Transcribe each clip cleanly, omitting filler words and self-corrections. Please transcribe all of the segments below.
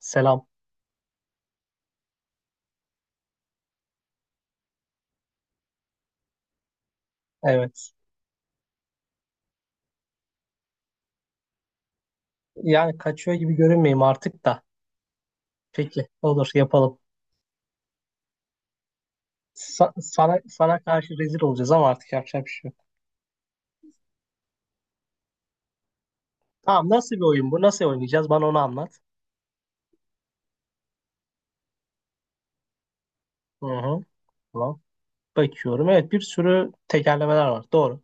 Selam. Evet. Yani kaçıyor gibi görünmeyeyim artık da. Peki, olur yapalım. Sana karşı rezil olacağız ama artık yapacak bir şey yok. Tamam, nasıl bir oyun bu? Nasıl oynayacağız? Bana onu anlat. Hı hı. Tamam. Bakıyorum. Evet, bir sürü tekerlemeler var. Doğru.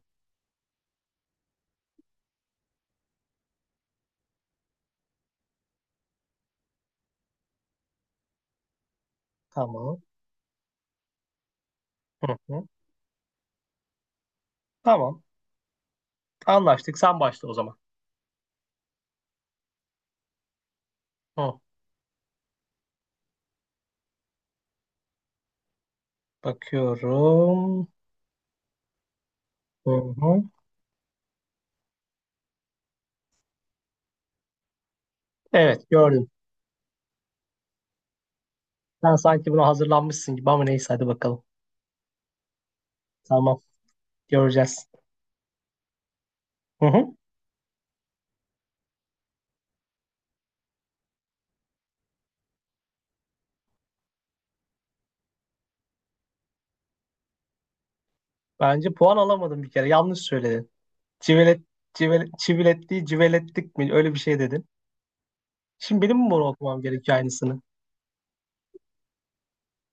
Tamam. Hı hı. Tamam. Anlaştık. Sen başla o zaman. Hı. Bakıyorum. Hı hı. Evet, gördüm. Sen sanki buna hazırlanmışsın gibi ama neyse hadi bakalım. Tamam. Göreceğiz. Hı hı. Bence puan alamadım bir kere. Yanlış söyledin. Civelet, civelet, civeletli, civelettik mi? Öyle bir şey dedin. Şimdi benim mi bunu okumam gerekiyor aynısını?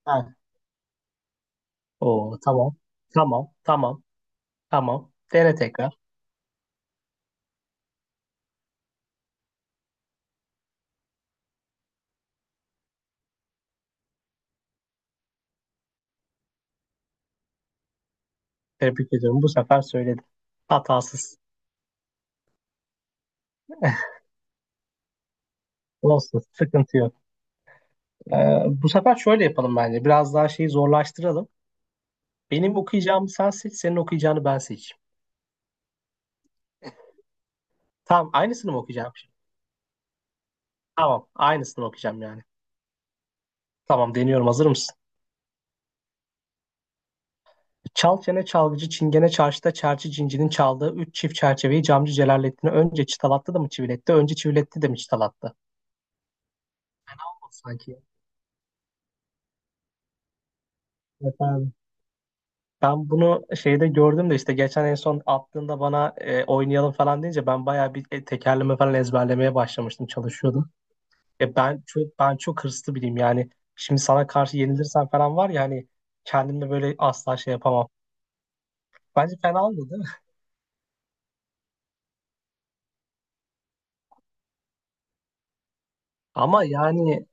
Ha. Oo, tamam. Tamam, tamam, tamam. Dene tekrar. Tebrik ediyorum. Bu sefer söyledim. Hatasız. Olsun, sıkıntı yok. Ee, bu sefer şöyle yapalım bence. Biraz daha şeyi zorlaştıralım. Benim okuyacağımı sen seç, senin okuyacağını ben seçeyim. Tamam, aynısını mı okuyacağım şimdi? Tamam, aynısını okuyacağım yani. Tamam, deniyorum. Hazır mısın? Çal çene çalgıcı çingene çarşıda çerçi cincinin çaldığı üç çift çerçeveyi camcı Celalettin'e önce çıtalattı da mı çiviletti? Önce çiviletti de mi çıtalattı? Fena olmadı sanki. Evet abi. Ben bunu şeyde gördüm de işte geçen en son attığında bana oynayalım falan deyince ben bayağı bir tekerleme falan ezberlemeye başlamıştım, çalışıyordum. Ben çok hırslı biriyim yani. Şimdi sana karşı yenilirsem falan var ya hani kendimle böyle asla şey yapamam. Bence fena oldu. Değil mi? Ama yani.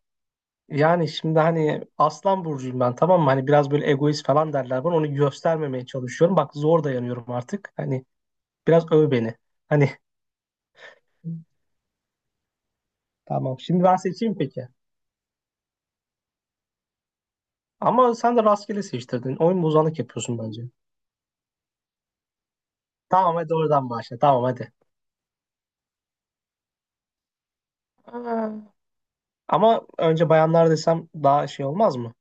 Yani şimdi hani aslan burcuyum ben, tamam mı? Hani biraz böyle egoist falan derler bana. Onu göstermemeye çalışıyorum. Bak zor dayanıyorum artık. Hani biraz öv beni. Hani tamam. Şimdi ben seçeyim peki. Ama sen de rastgele seçtirdin. Oyun bozanlık yapıyorsun bence. Tamam hadi oradan başla. Tamam hadi. Aa, ama önce bayanlar desem daha şey olmaz mı?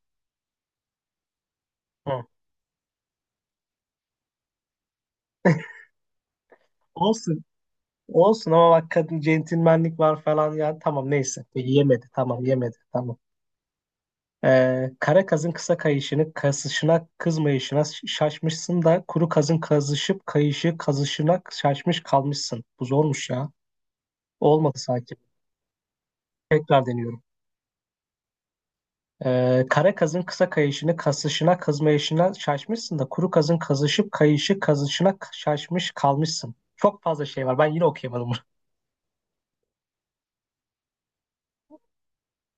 Hı. Olsun. Olsun ama bak kadın centilmenlik var falan yani. Tamam neyse. Peki yemedi. Tamam yemedi. Tamam. Kara kazın kısa kayışını kasışına kızmayışına şaşmışsın da kuru kazın kazışıp kayışı kazışına şaşmış kalmışsın. Bu zormuş ya. Olmadı sanki. Tekrar deniyorum. Kara kazın kısa kayışını kasışına kızmayışına şaşmışsın da kuru kazın kazışıp kayışı kazışına şaşmış kalmışsın. Çok fazla şey var. Ben yine okuyamadım bunu.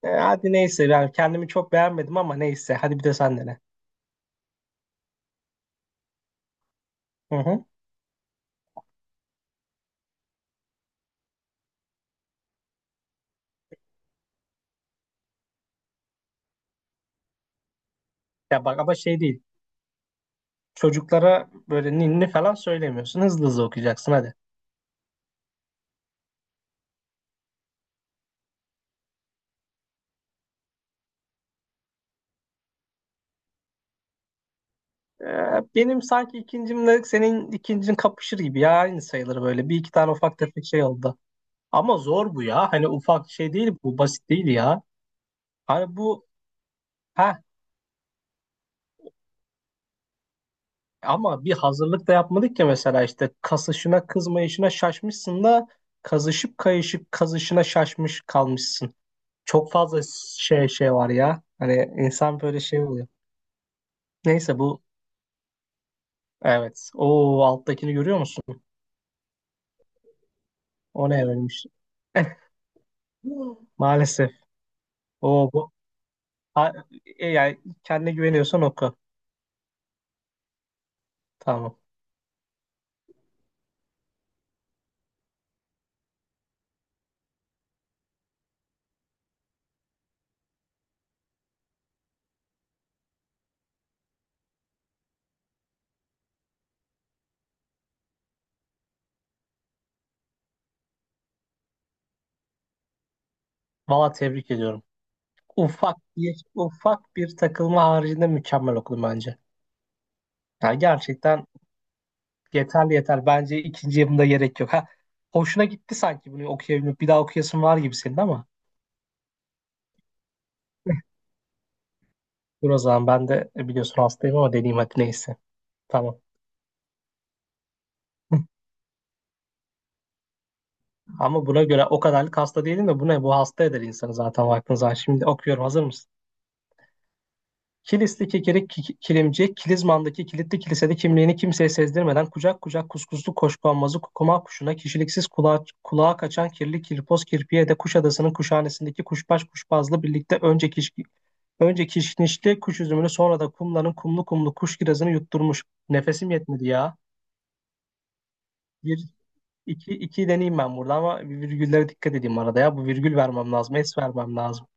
Hadi neyse yani kendimi çok beğenmedim ama neyse. Hadi bir de sen dene. Hı hı. Ya bak ama şey değil. Çocuklara böyle ninni falan söylemiyorsun. Hızlı hızlı okuyacaksın hadi. Ee, benim sanki ikincimle senin ikincin kapışır gibi ya aynı sayılır böyle. Bir iki tane ufak tefek şey oldu. Ama zor bu ya. Hani ufak şey değil bu basit değil ya. Hani bu heh ama bir hazırlık da yapmadık ya mesela işte kasışına kızmayışına şaşmışsın da kazışıp kayışıp kazışına şaşmış kalmışsın. Çok fazla şey var ya. Hani insan böyle şey oluyor. Neyse bu evet. O alttakini görüyor musun? O ne vermiş? Maalesef. O bu. Ha, yani kendine güveniyorsan oku. Tamam. Valla tebrik ediyorum. Ufak bir takılma haricinde mükemmel okudum bence. Yani gerçekten yeterli yeter. Bence ikinci yapımda gerek yok. Ha, hoşuna gitti sanki bunu okuyabilmek. Bir daha okuyasın var gibi senin ama. Dur o zaman ben de biliyorsun hastayım ama deneyim hadi neyse. Tamam. Ama buna göre o kadarlık hasta değilim de bu ne? Bu hasta eder insanı zaten baktığın zaman. Şimdi okuyorum. Hazır mısın? Kilisli kekerek kilimci, Kilizman'daki kilitli kilisede kimliğini kimseye sezdirmeden kucak kucak kuskuslu koşkonmazı kukuma kuşuna, kişiliksiz kulağa, kaçan kirli kirpoz kirpiye de Kuşadası'nın kuşhanesindeki kuşbaş kuşbazla birlikte önce önce kişnişli kuş üzümünü sonra da kumların kumlu kumlu kuş kirazını yutturmuş. Nefesim yetmedi ya. Bir, iki deneyeyim ben burada ama virgüllere dikkat edeyim arada ya. Bu virgül vermem lazım, es vermem lazım.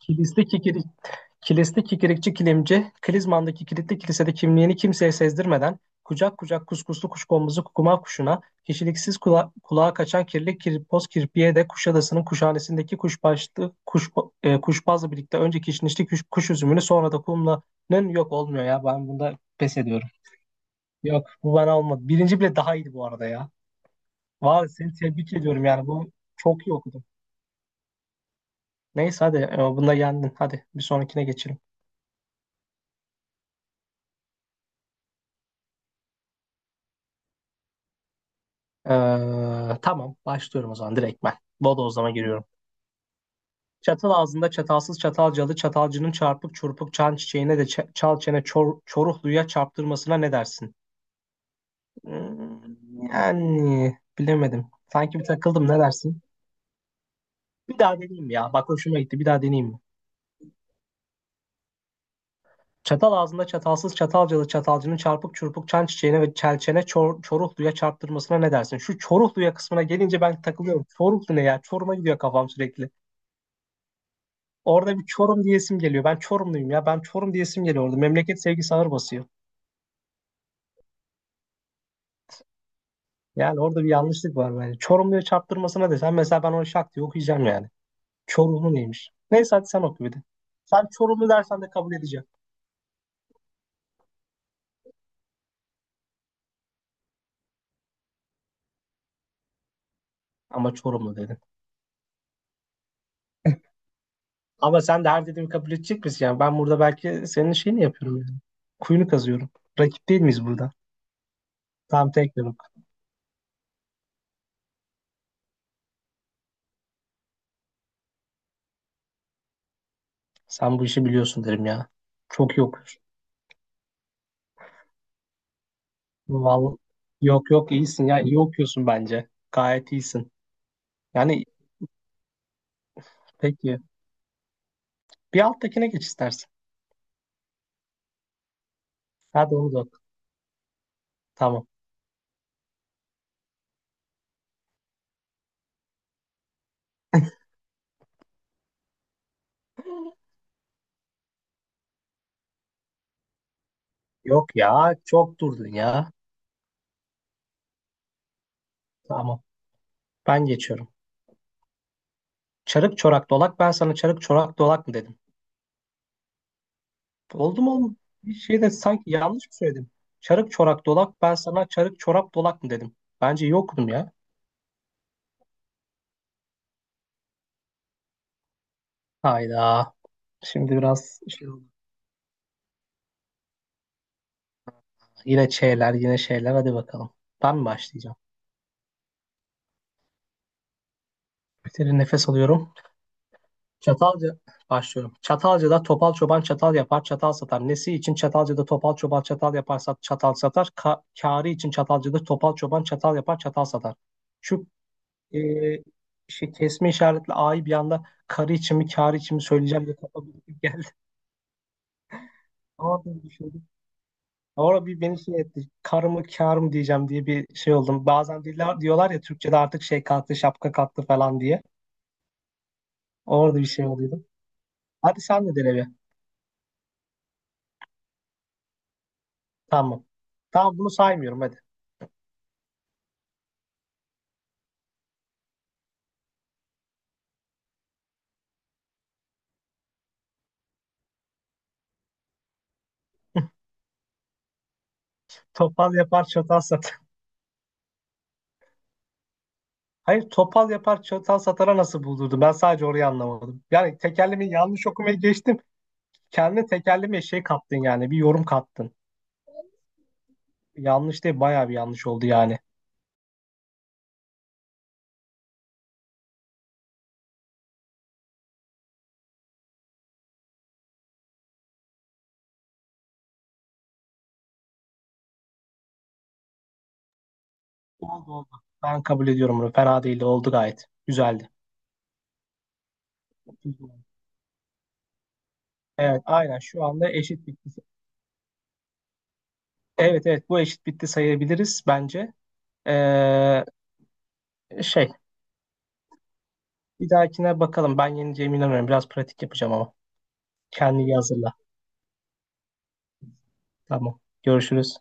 Kilisli kikirik, kilisli kikirikçi kilimci, Kilizman'daki kilitli kilisede kimliğini kimseye sezdirmeden, kucak kucak kuskuslu kuşkonmuzu kukuma kuşuna, kişiliksiz kulağa kaçan kirli kirpoz kirpiye de Kuşadası'nın kuşhanesindeki kuşbaşlı, kuşbazla birlikte önce kişnişli kuş üzümünü sonra da kumlanın yok olmuyor ya. Ben bunda pes ediyorum. Yok bu bana olmadı. Birinci bile daha iyiydi bu arada ya. Var seni tebrik ediyorum yani bu çok iyi okudum. Neyse hadi bunda yendin. Hadi bir sonrakine geçelim. Ee, tamam başlıyorum o zaman direkt ben. Bodozlama giriyorum. Çatal ağzında çatalsız çatalcalı çatalcının çarpık çurpuk çan çiçeğine de çal çene çor çoruhluya çarptırmasına ne dersin? Yani bilemedim. Sanki bir takıldım ne dersin? Bir daha deneyeyim ya. Bak hoşuma gitti bir daha deneyeyim mi? Çatal ağzında çatalsız çatalcalı çatalcının çarpık çurpuk çan çiçeğine ve çelçene çor çoruhluya çarptırmasına ne dersin? Şu çoruhluya kısmına gelince ben takılıyorum. Çoruhlu ne ya? Çoruma gidiyor kafam sürekli. Orada bir Çorum diyesim geliyor. Ben Çorumluyum ya. Ben Çorum diyesim geliyor orada. Memleket sevgisi ağır basıyor. Yani orada bir yanlışlık var bence. Çorumluya çarptırmasına desen mesela ben onu şak diye okuyacağım yani. Çorumlu neymiş? Neyse hadi sen oku bir de. Sen Çorumlu dersen de kabul edeceğim. Ama Çorumlu dedin. Ama sen de her dediğimi kabul edecek misin? Yani ben burada belki senin şeyini yapıyorum yani. Kuyunu kazıyorum. Rakip değil miyiz burada? Tamam tekrar oku. Sen bu işi biliyorsun derim ya. Çok iyi okuyorsun. Vallahi yok yok iyisin ya. İyi okuyorsun bence. Gayet iyisin. Yani peki. Bir alttakine geç istersen. Hadi onu da oku. Tamam. Yok ya çok durdun ya. Tamam ben geçiyorum. Çarık çorak dolak ben sana çarık çorak dolak mı dedim. Oldu mu oğlum? Bir şey de sanki yanlış mı söyledim? Çarık çorak dolak ben sana çarık çorap dolak mı dedim. Bence iyi okudum ya. Hayda. Şimdi biraz şey oldu. Yine şeyler hadi bakalım. Ben mi başlayacağım? Bir kere nefes alıyorum. Çatalca başlıyorum. Çatalca'da topal çoban çatal yapar, çatal satar. Nesi için Çatalca'da topal çoban çatal yapar, çatal satar. Kârı için Çatalca'da topal çoban çatal yapar, çatal satar. Şu e, şey, kesme işaretli A'yı bir anda karı için mi kârı için mi söyleyeceğim diye kafam bir geldi. Ama bir düşündüm. Ama bir beni şey etti. Kar mı kâr mı diyeceğim diye bir şey oldum. Bazen diller, diyorlar ya Türkçe'de artık şey kalktı, şapka kalktı falan diye. Orada bir şey oluyordu. Hadi sen de dene bir. Tamam. Tamam bunu saymıyorum hadi. Topal yapar çatal satar. Hayır topal yapar çatal satara nasıl buldurdu? Ben sadece orayı anlamadım. Yani tekerlemeyi yanlış okumayı geçtim. Kendine tekerleme şey kattın yani. Bir yorum kattın. Yanlış değil bayağı bir yanlış oldu yani. Oldu oldu. Ben kabul ediyorum bunu. Fena değildi. Oldu gayet. Güzeldi. Evet aynen şu anda eşit bitti. Evet evet bu eşit bitti sayabiliriz bence. Ee, şey Bir dahakine bakalım. Ben yeneceğime inanıyorum. Biraz pratik yapacağım ama. Kendini iyi hazırla. Tamam. Görüşürüz.